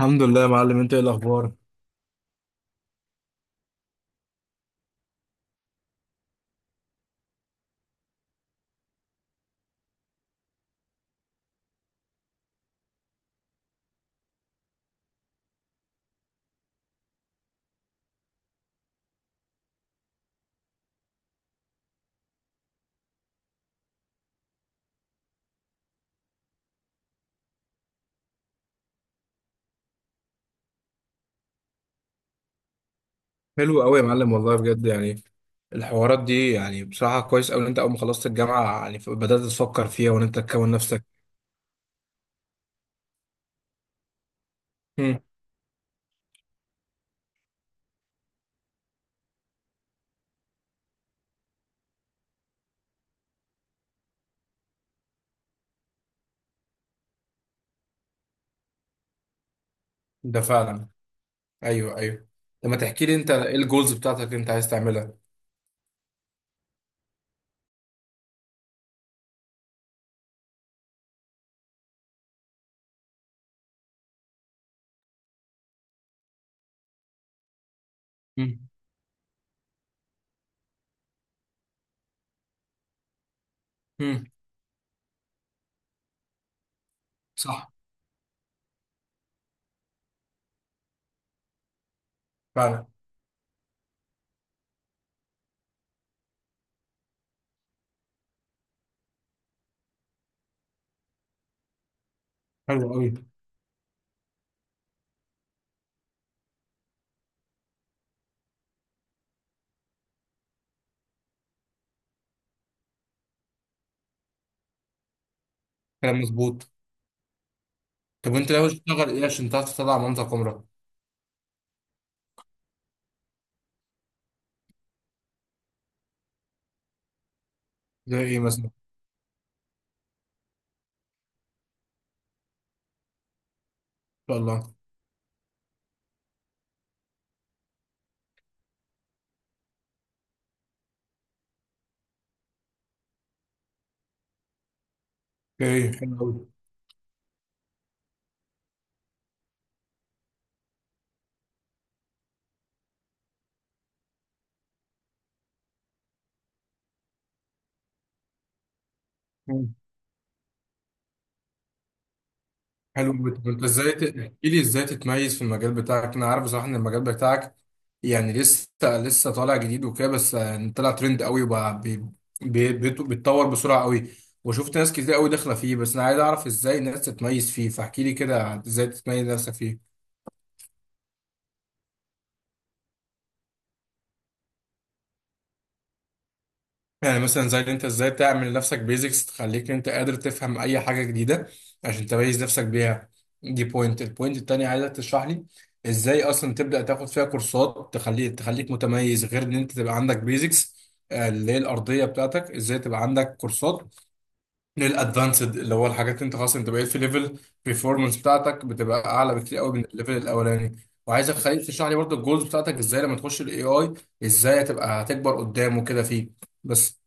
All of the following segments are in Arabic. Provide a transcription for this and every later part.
الحمد لله يا معلم، انت ايه الاخبار؟ حلو قوي يا معلم، والله بجد يعني الحوارات دي يعني بصراحه كويس قوي ان انت اول ما خلصت الجامعه يعني بدات تفكر فيها وان انت تكون نفسك. مم. ده فعلا. ايوه، ايوه. لما تحكي لي انت ايه الجولز بتاعتك اللي انت عايز تعملها؟ مم. مم. صح. فعلا. حلو قوي. كلام مظبوط. طب وانت ناوي تشتغل ايه عشان تعرف تطلع منطقه عمرك؟ زي ايه مثلا؟ ان شاء الله. ايه حلو. قوي. حلو جدا، انت ازاي تحكي لي ازاي تتميز في المجال بتاعك؟ انا عارف بصراحه ان المجال بتاعك يعني لسه لسه طالع جديد وكده، بس يعني طلع ترند قوي وبقى بيتطور بسرعه قوي. وشفت ناس كتير قوي داخله فيه، بس انا عايز اعرف ازاي الناس تتميز فيه، فاحكي لي كده ازاي تتميز نفسك فيه. يعني مثلا زي اللي انت ازاي تعمل لنفسك بيزكس تخليك انت قادر تفهم اي حاجه جديده عشان تميز نفسك بيها. دي بوينت، البوينت التانية عايزك تشرح لي ازاي اصلا تبدا تاخد فيها كورسات تخليك متميز، غير ان انت تبقى عندك بيزكس اللي هي الارضيه بتاعتك. ازاي تبقى عندك كورسات للادفانسد اللي هو الحاجات انت خلاص، انت بقيت في ليفل performance بتاعتك بتبقى اعلى بكتير قوي من الليفل الاولاني. وعايزك خليك تشرح لي برضه الجولز بتاعتك ازاي لما تخش الاي اي، ازاي هتبقى هتكبر قدامه كده فيه. بس.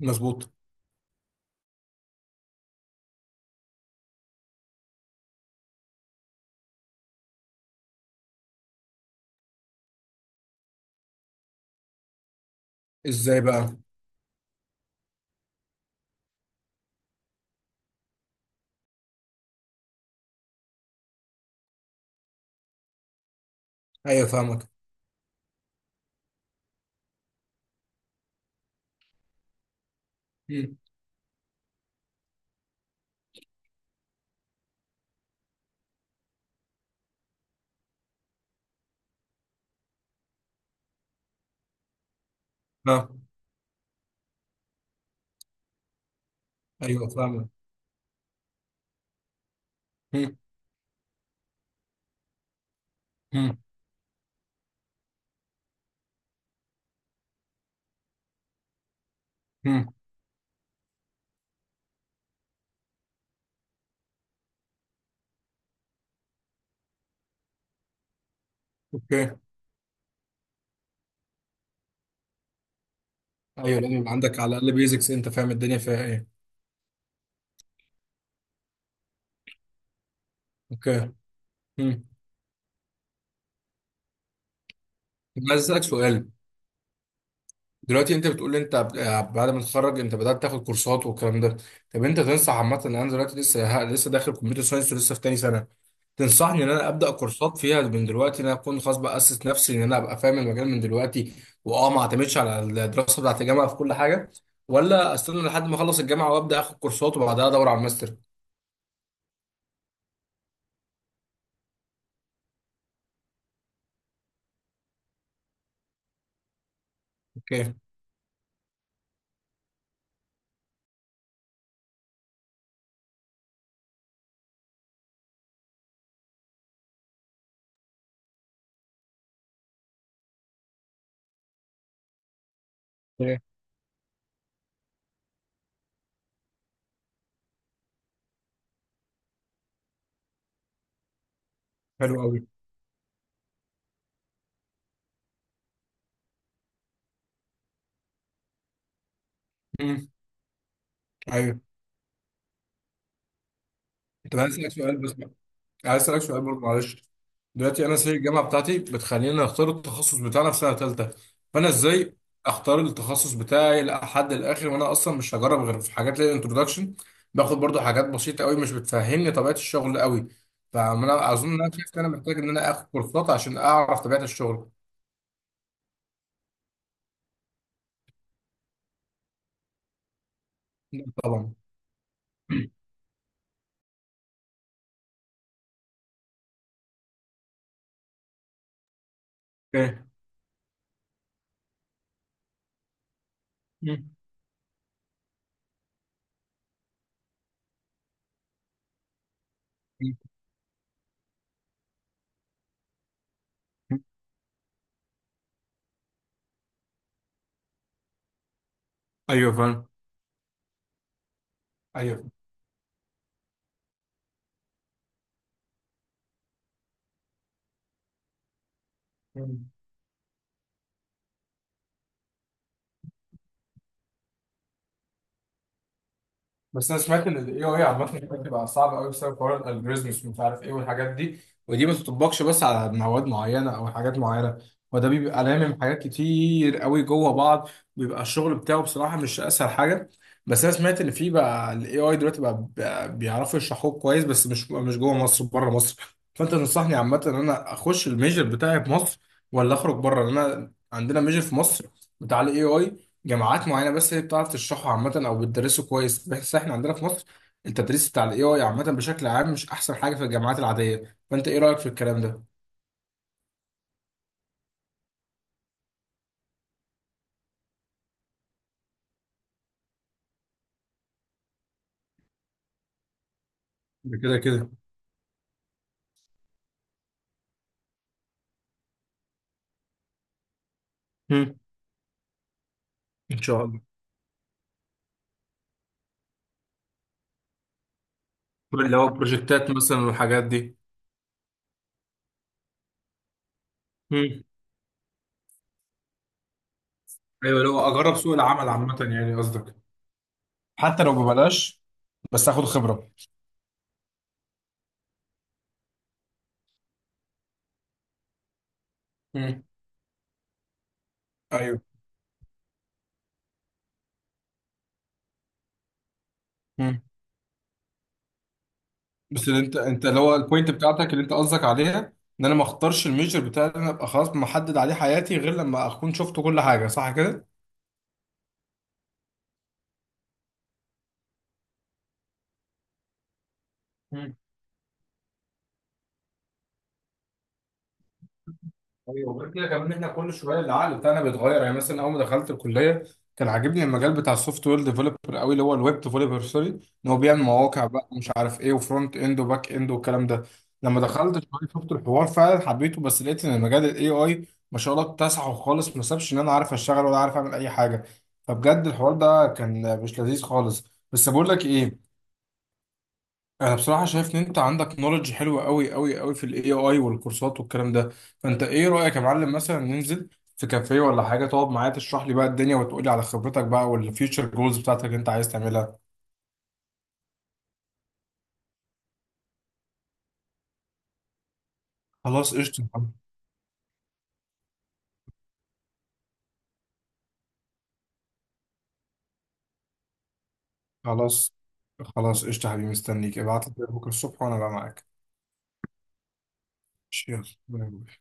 مظبوط. ازاي بقى؟ ايوه فاهمك. مم. ها. ايوه فاهمك. مم. مم. مم. اوكي. ايوه، لازم يبقى عندك على الاقل بيزكس، انت فاهم الدنيا فيها ايه. اوكي. مم. طب عايز اسالك سؤال. دلوقتي انت بتقول لي انت بعد ما تتخرج انت بدات تاخد كورسات والكلام ده. طب انت تنصح عامه ان انا دلوقتي لسه داخل كمبيوتر ساينس ولسه في تاني سنه، تنصحني ان انا ابدا كورسات فيها من دلوقتي، ان انا اكون خلاص باسس نفسي ان انا ابقى فاهم المجال من دلوقتي؟ واه ما اعتمدش على الدراسه بتاعت الجامعه في كل حاجه، ولا استنى لحد ما اخلص الجامعه وابدا اخد كورسات وبعدها ادور على الماستر؟ اوكي. إيه. حلو قوي. امم. ايوه. طب انا اسالك سؤال بس، عايز اسالك سؤال برضه معلش. دلوقتي انا سي الجامعه بتاعتي بتخليني اختار التخصص بتاعنا في سنه ثالثه. فانا ازاي اختار التخصص بتاعي لحد الاخر وانا اصلا مش هجرب غير في حاجات زي الانترودكشن؟ باخد برضه حاجات بسيطه قوي مش بتفهمني طبيعه الشغل قوي. فانا اظن ان انا شايف ان انا محتاج ان انا اخد كورسات عشان اعرف طبيعه الشغل. طبعا. اوكي. ايوه فاهم. ايوه. بس انا سمعت ان الاي اي عامه بتبقى صعبه قوي بسبب حوار الالجوريزمز ومش عارف ايه والحاجات دي. ودي ما بتطبقش بس على مواد معينه او حاجات معينه، وده بيبقى لامم حاجات كتير قوي جوه بعض، بيبقى الشغل بتاعه بصراحه مش اسهل حاجه. بس انا سمعت ان في بقى الاي اي دلوقتي بقى بيعرفوا يشرحوه كويس، بس مش جوه مصر، بره مصر. فانت تنصحني عامه ان انا اخش الميجر بتاعي في مصر ولا اخرج بره؟ انا عندنا ميجر في مصر بتاع الاي اي، جامعات معينه بس هي بتعرف تشرحه عامه او بتدرسه كويس. بس احنا عندنا في مصر التدريس بتاع الاي اي عامه بشكل عام مش احسن حاجه في الجامعات العاديه. فانت ايه رايك في الكلام ده؟ ده كده كده. مم. ان شاء الله. اللي هو بروجكتات مثلا والحاجات دي. مم. ايوه، لو اجرب سوق العمل عامه يعني قصدك؟ حتى لو ببلاش، بس اخد خبره. مم. ايوه. مم. بس اللي انت اللي هو البوينت بتاعتك اللي انت قصدك عليها، ان انا ما اختارش الميجر بتاعي اللي انا ابقى خلاص محدد عليه حياتي غير لما اكون شفت كل حاجه، صح كده؟ ايوه. وغير كده كمان احنا كل شويه العقل بتاعنا بيتغير. يعني مثلا اول ما دخلت الكليه كان عاجبني المجال بتاع السوفت وير ديفلوبر قوي، اللي هو الويب ديفلوبر سوري، ان هو بيعمل مواقع بقى ومش عارف ايه، وفرونت اند وباك اند والكلام ده. لما دخلت شويه شفت الحوار فعلا حبيته، بس لقيت ان مجال الاي اي ما شاء الله اتسعه خالص، ما سابش ان انا عارف اشتغل ولا عارف اعمل اي حاجه. فبجد الحوار ده كان مش لذيذ خالص. بس بقول لك ايه، انا بصراحه شايف ان انت عندك نولج حلوه قوي قوي قوي في الاي اي والكورسات والكلام ده. فانت ايه رايك يا معلم مثلا ننزل في كافيه ولا حاجه، تقعد معايا تشرح لي بقى الدنيا وتقول لي على خبرتك بقى والفيوتشر جولز بتاعتك اللي انت عايز تعملها؟ خلاص قشطه يا حبيبي. خلاص خلاص قشطه يا حبيبي، مستنيك ابعت لي كده بكره الصبح وانا بقى معاك. ماشي، يلا. باي باي.